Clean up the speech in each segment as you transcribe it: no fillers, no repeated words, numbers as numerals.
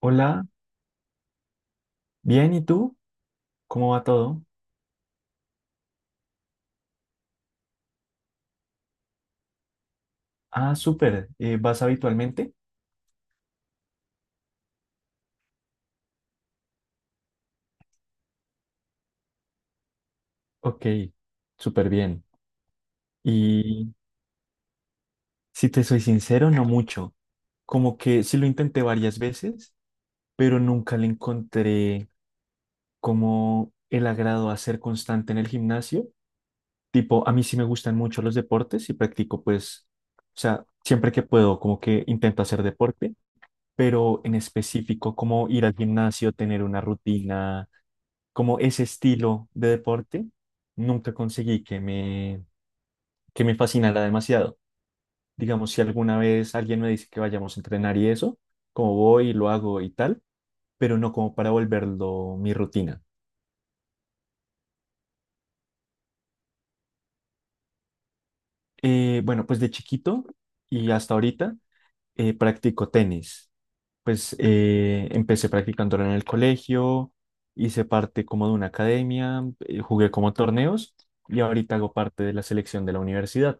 Hola, bien, ¿y tú? ¿Cómo va todo? Ah, súper. ¿Vas habitualmente? Ok, súper bien. Y si te soy sincero, no mucho. Como que sí lo intenté varias veces, pero nunca le encontré como el agrado a ser constante en el gimnasio. Tipo, a mí sí me gustan mucho los deportes y practico pues, o sea, siempre que puedo, como que intento hacer deporte, pero en específico, como ir al gimnasio, tener una rutina como ese estilo de deporte, nunca conseguí que me fascinara demasiado. Digamos, si alguna vez alguien me dice que vayamos a entrenar y eso, como voy y lo hago y tal, pero no como para volverlo mi rutina. Bueno, pues de chiquito y hasta ahorita practico tenis. Pues empecé practicándolo en el colegio, hice parte como de una academia, jugué como torneos y ahorita hago parte de la selección de la universidad.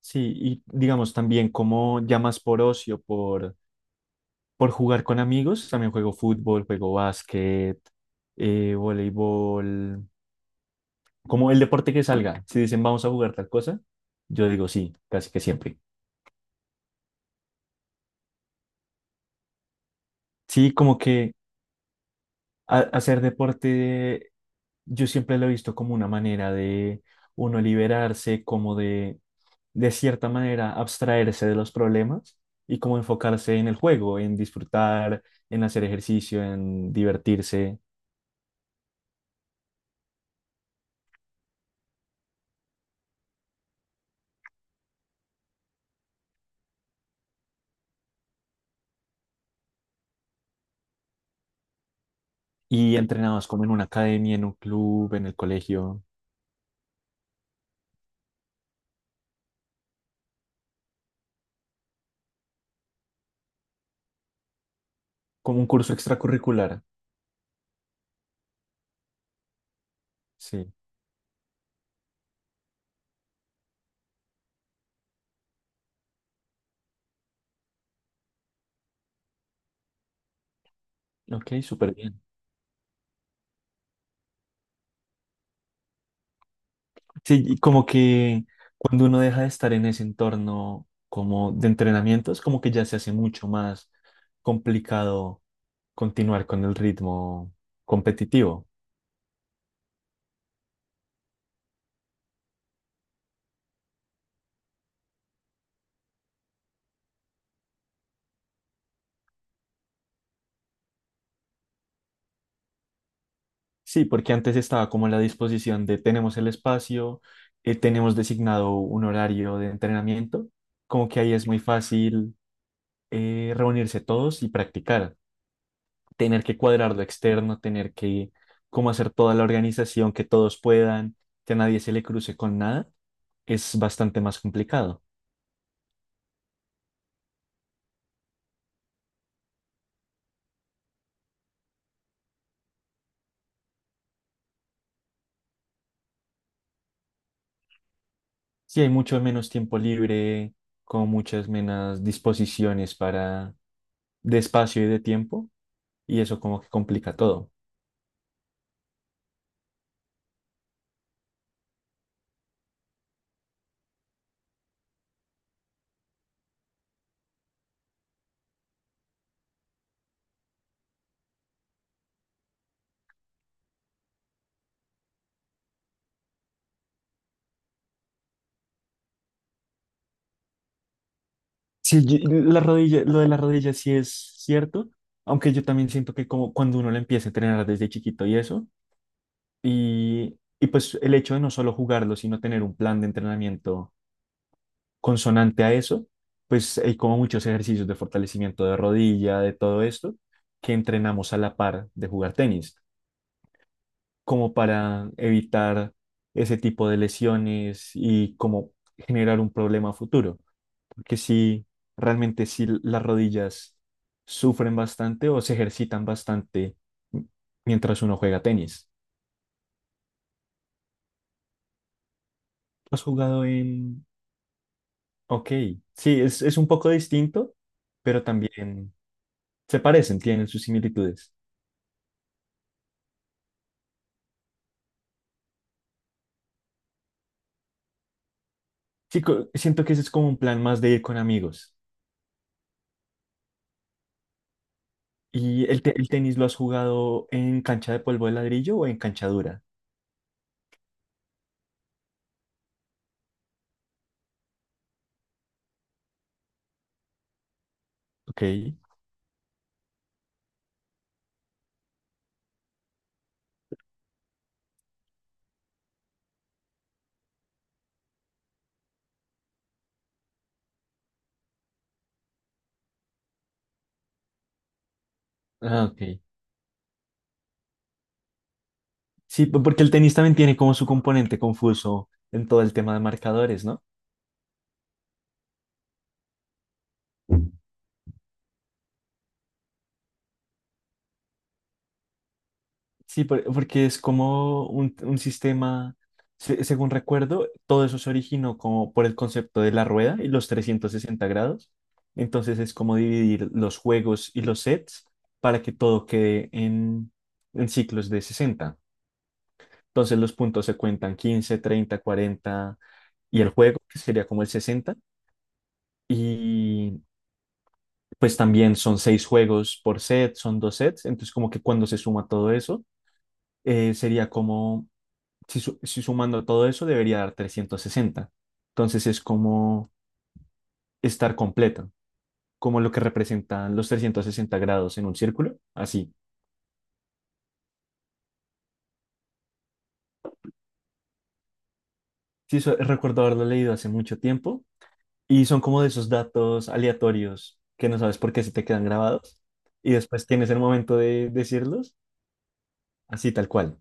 Sí, y digamos también como ya más por ocio, por jugar con amigos, también juego fútbol, juego básquet, voleibol, como el deporte que salga. Si dicen vamos a jugar tal cosa, yo digo sí, casi que siempre. Sí, como que hacer deporte yo siempre lo he visto como una manera de uno liberarse, de cierta manera, abstraerse de los problemas y como enfocarse en el juego, en disfrutar, en hacer ejercicio, en divertirse. Y entrenados como en una academia, en un club, en el colegio, como un curso extracurricular. Sí, ok, súper bien. Sí, y como que cuando uno deja de estar en ese entorno como de entrenamientos, como que ya se hace mucho más complicado continuar con el ritmo competitivo. Sí, porque antes estaba como la disposición de tenemos el espacio, tenemos designado un horario de entrenamiento, como que ahí es muy fácil reunirse todos y practicar, tener que cuadrar lo externo, tener que como hacer toda la organización, que todos puedan, que a nadie se le cruce con nada es bastante más complicado. Sí, hay mucho menos tiempo libre, con muchas menos disposiciones para de espacio y de tiempo, y eso como que complica todo. Sí, la rodilla, lo de la rodilla sí es cierto, aunque yo también siento que como cuando uno lo empieza a entrenar desde chiquito y eso, y pues el hecho de no solo jugarlo, sino tener un plan de entrenamiento consonante a eso, pues hay como muchos ejercicios de fortalecimiento de rodilla, de todo esto, que entrenamos a la par de jugar tenis. Como para evitar ese tipo de lesiones y como generar un problema a futuro. Porque si realmente si las rodillas sufren bastante o se ejercitan bastante m- mientras uno juega tenis. ¿Has jugado en...? Ok, sí, es un poco distinto, pero también se parecen, tienen sus similitudes. Sí, siento que ese es como un plan más de ir con amigos. ¿Y el tenis lo has jugado en cancha de polvo de ladrillo o en cancha dura? Ok. Ah, ok. Sí, porque el tenis también tiene como su componente confuso en todo el tema de marcadores, ¿no? Sí, porque es como un sistema, según recuerdo, todo eso se originó como por el concepto de la rueda y los 360 grados. Entonces es como dividir los juegos y los sets para que todo quede en ciclos de 60. Entonces los puntos se cuentan 15, 30, 40 y el juego, que sería como el 60. Pues también son seis juegos por set, son dos sets, entonces como que cuando se suma todo eso, sería como, si sumando todo eso debería dar trescientos sesenta. Entonces es como estar completo, como lo que representan los 360 grados en un círculo, así. Sí, recuerdo haberlo leído hace mucho tiempo y son como de esos datos aleatorios que no sabes por qué se te quedan grabados y después tienes el momento de decirlos, así tal cual.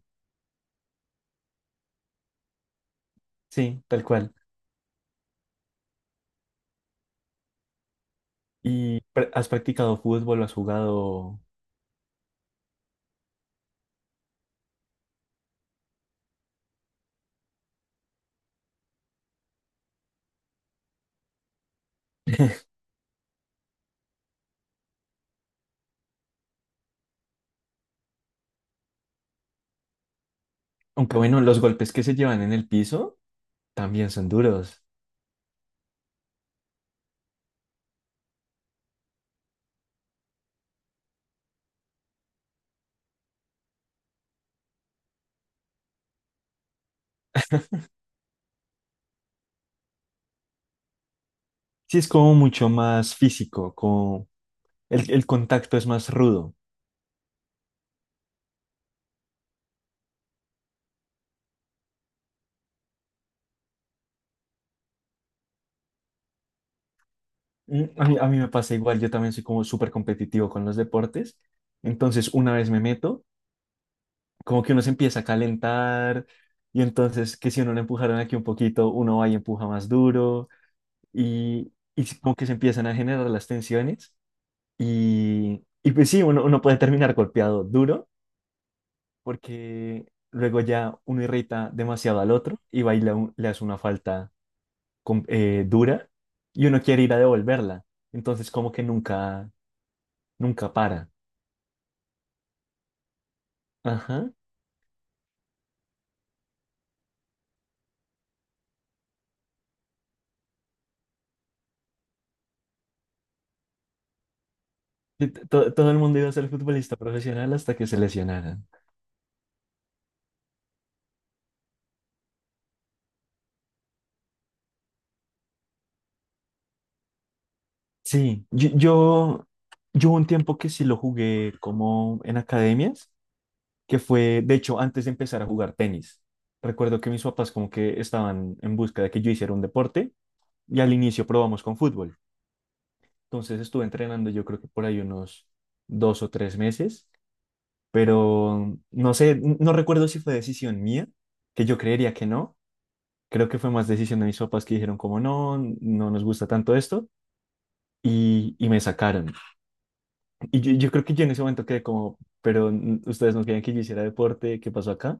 Sí, tal cual. ¿Y has practicado fútbol? ¿Has jugado? Aunque bueno, los golpes que se llevan en el piso también son duros. Sí, es como mucho más físico, como el contacto es más rudo. Mm, a mí me pasa igual, yo también soy como súper competitivo con los deportes. Entonces, una vez me meto, como que uno se empieza a calentar y entonces que si uno lo empujaron aquí un poquito, uno va y empuja más duro y como que se empiezan a generar las tensiones. Y pues sí, uno puede terminar golpeado duro porque luego ya uno irrita demasiado al otro y va y le hace una falta dura y uno quiere ir a devolverla. Entonces como que nunca para. Ajá. Y todo el mundo iba a ser futbolista profesional hasta que se lesionaran. Sí, yo hubo un tiempo que sí lo jugué como en academias que fue, de hecho, antes de empezar a jugar tenis. Recuerdo que mis papás como que estaban en busca de que yo hiciera un deporte y al inicio probamos con fútbol. Entonces estuve entrenando yo creo que por ahí unos dos o tres meses, pero no sé, no recuerdo si fue decisión mía, que yo creería que no. Creo que fue más decisión de mis papás que dijeron como no, no nos gusta tanto esto y me sacaron. Y yo creo que yo en ese momento quedé como, pero ustedes no querían que yo hiciera deporte, ¿qué pasó acá?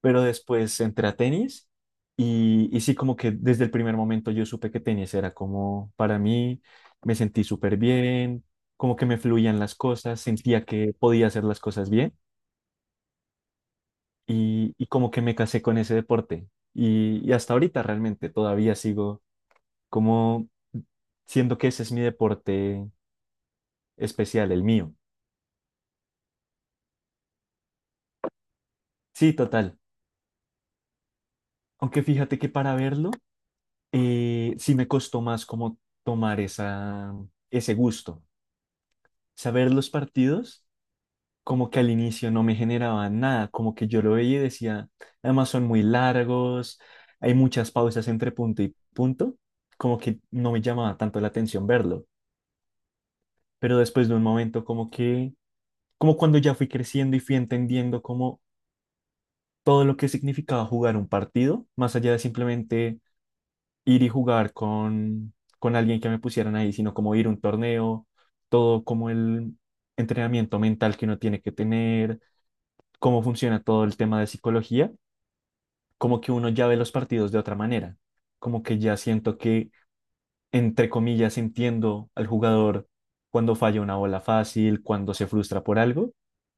Pero después entré a tenis y sí, como que desde el primer momento yo supe que tenis era como para mí, me sentí súper bien, como que me fluían las cosas, sentía que podía hacer las cosas bien y como que me casé con ese deporte. Y hasta ahorita realmente todavía sigo como siendo que ese es mi deporte especial, el mío. Sí, total. Aunque fíjate que para verlo, sí me costó más como tomar esa, ese gusto. Saber los partidos, como que al inicio no me generaba nada, como que yo lo veía y decía, además son muy largos, hay muchas pausas entre punto y punto, como que no me llamaba tanto la atención verlo, pero después de un momento como que, como cuando ya fui creciendo y fui entendiendo como todo lo que significaba jugar un partido, más allá de simplemente ir y jugar con alguien que me pusieran ahí, sino como ir a un torneo, todo como el entrenamiento mental que uno tiene que tener cómo funciona todo el tema de psicología, como que uno ya ve los partidos de otra manera, como que ya siento que, entre comillas, entiendo al jugador cuando falla una bola fácil, cuando se frustra por algo,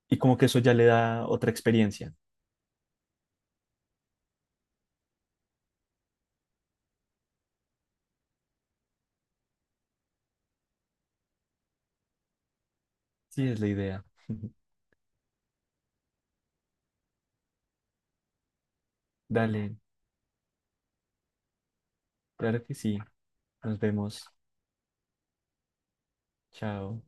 y como que eso ya le da otra experiencia. Sí, es la idea. Dale, claro que sí. Nos vemos. Chao.